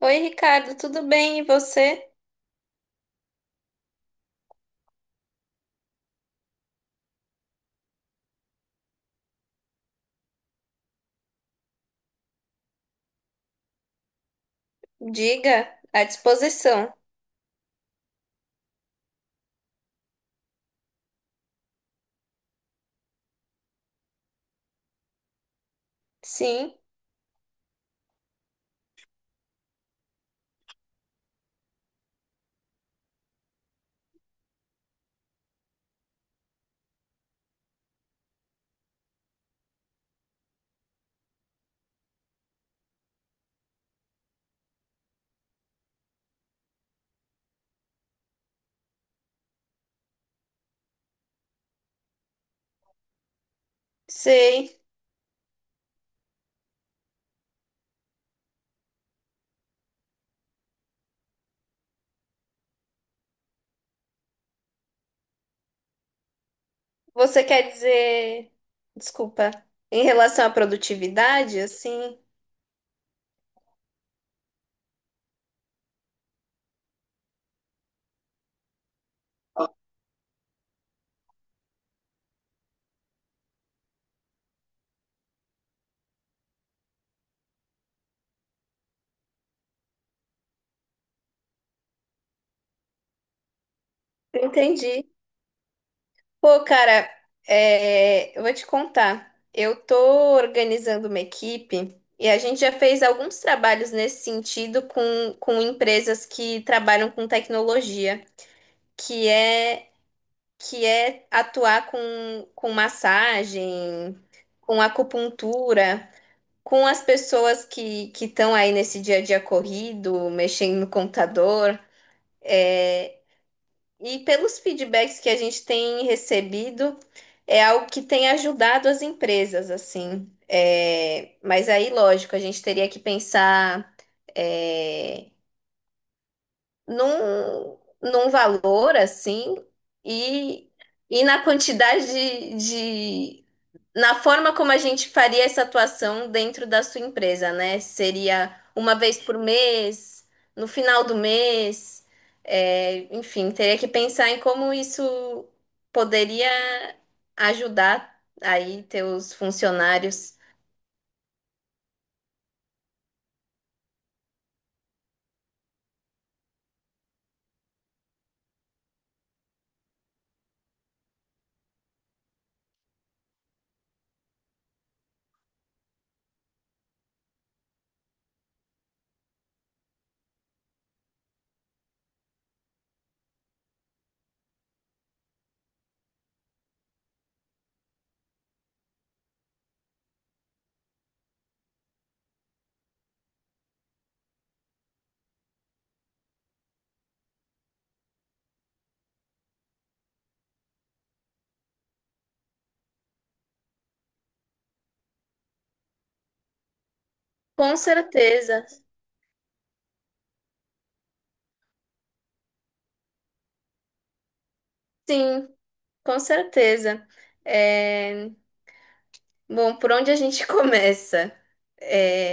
Oi, Ricardo, tudo bem? E você? Diga, à disposição. Sim, sei. Você quer dizer, desculpa, em relação à produtividade, assim? Entendi. Pô, cara, eu vou te contar. Eu tô organizando uma equipe e a gente já fez alguns trabalhos nesse sentido com empresas que trabalham com tecnologia, que é que é atuar com massagem, com acupuntura, com as pessoas que estão aí nesse dia a dia corrido, mexendo no computador. É, e pelos feedbacks que a gente tem recebido, é algo que tem ajudado as empresas, assim. É, mas aí, lógico, a gente teria que pensar. é, Num valor assim e, e na quantidade de- na forma como a gente faria essa atuação dentro da sua empresa, né? Seria uma vez por mês, no final do mês, é, enfim, teria que pensar em como isso poderia ajudar aí teus funcionários. Com certeza, sim, com certeza. É, bom, por onde a gente começa? É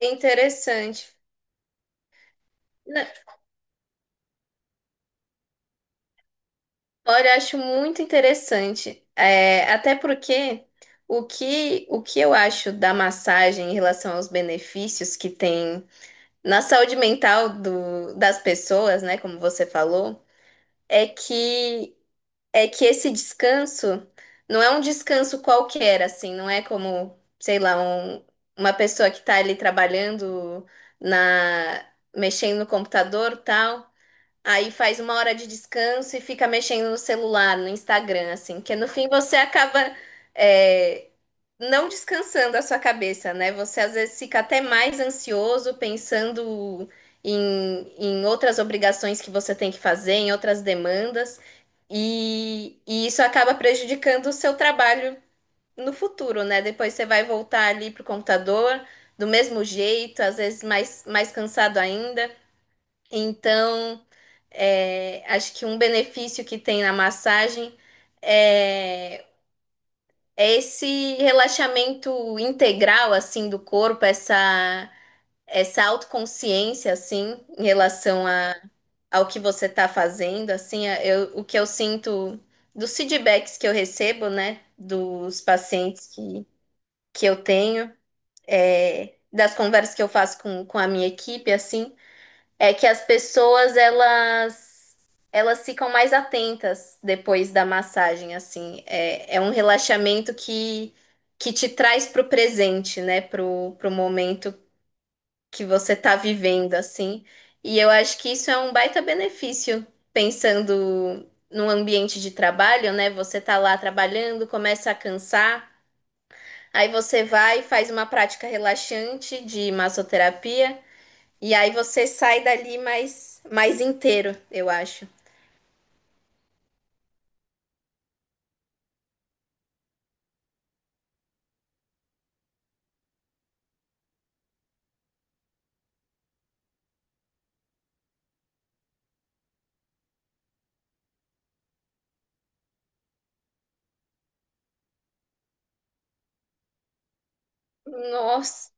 interessante. Na- Olha, eu acho muito interessante. É, até porque o que eu acho da massagem em relação aos benefícios que tem na saúde mental das pessoas, né, como você falou, é que é que esse descanso não é um descanso qualquer, assim, não é como, sei lá, uma pessoa que está ali trabalhando na, mexendo no computador, tal. Aí faz uma hora de descanso e fica mexendo no celular, no Instagram, assim, que no fim você acaba é, não descansando a sua cabeça, né? Você às vezes fica até mais ansioso pensando em, em outras obrigações que você tem que fazer, em outras demandas, e isso acaba prejudicando o seu trabalho no futuro, né? Depois você vai voltar ali pro computador do mesmo jeito, às vezes mais cansado ainda. Então. É, acho que um benefício que tem na massagem é, é esse relaxamento integral assim do corpo, essa autoconsciência assim em relação a, ao que você está fazendo, assim, o que eu sinto dos feedbacks que eu recebo, né, dos pacientes que eu tenho, é, das conversas que eu faço com a minha equipe, assim. É que as pessoas elas ficam mais atentas depois da massagem, assim. É, é um relaxamento que te traz pro presente, né? Pro momento que você tá vivendo, assim. E eu acho que isso é um baita benefício, pensando no ambiente de trabalho, né? Você tá lá trabalhando, começa a cansar, aí você vai e faz uma prática relaxante de massoterapia. E aí você sai dali mais inteiro, eu acho. Nossa,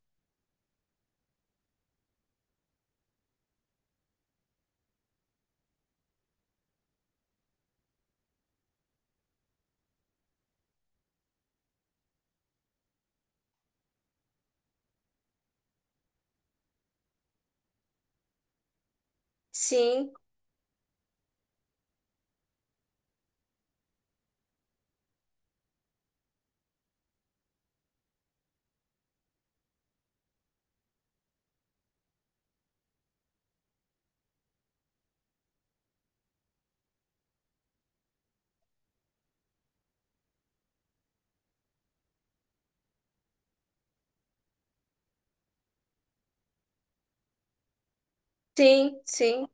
sim, sim, sim.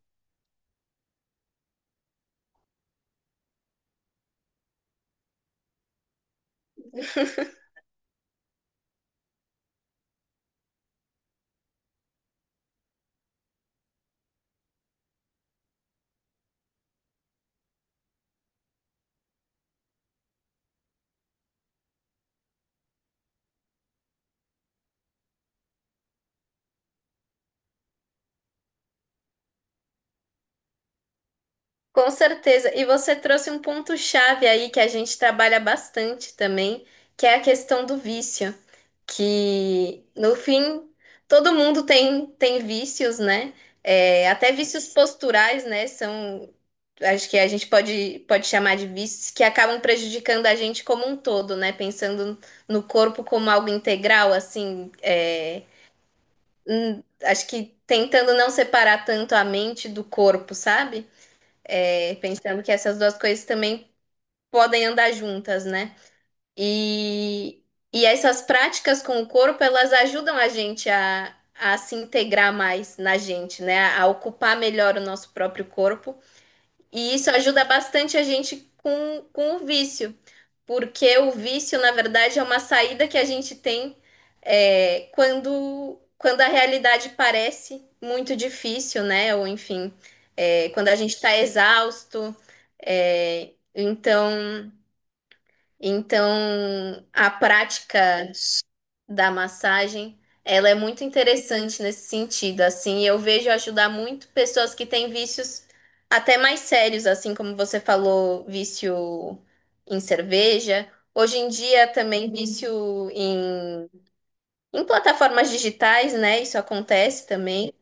Com certeza. E você trouxe um ponto-chave aí que a gente trabalha bastante também, que é a questão do vício. Que, no fim, todo mundo tem vícios, né? É, até vícios posturais, né? São, acho que a gente pode chamar de vícios que acabam prejudicando a gente como um todo, né? Pensando no corpo como algo integral, assim, é, acho que tentando não separar tanto a mente do corpo, sabe? É, pensando que essas duas coisas também podem andar juntas, né? E, e essas práticas com o corpo, elas ajudam a gente a se integrar mais na gente, né? A ocupar melhor o nosso próprio corpo. E isso ajuda bastante a gente com o vício. Porque o vício, na verdade, é uma saída que a gente tem é, quando a realidade parece muito difícil, né? Ou enfim, é, quando a gente está exausto. é, então, então, a prática da massagem, ela é muito interessante nesse sentido, assim, eu vejo ajudar muito pessoas que têm vícios até mais sérios, assim como você falou, vício em cerveja, hoje em dia também. Uhum. Vício em plataformas digitais, né? Isso acontece também.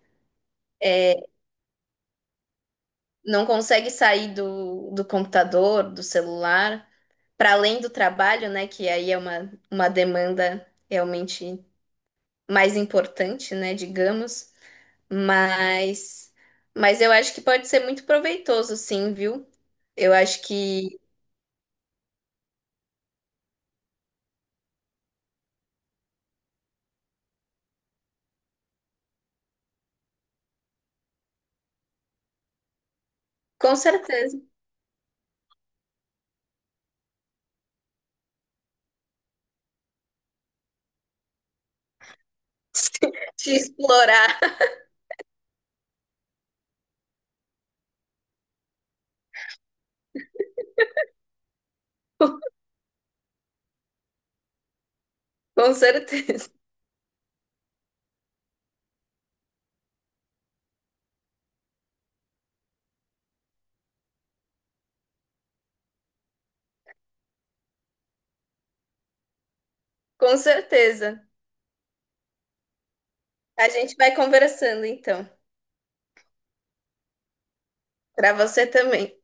Não consegue sair do computador, do celular, para além do trabalho, né? Que aí é uma demanda realmente mais importante, né? Digamos. Mas, mas eu acho que pode ser muito proveitoso, sim, viu? Eu acho que, com certeza, te explorar, com certeza, com certeza. A gente vai conversando, então, para você também.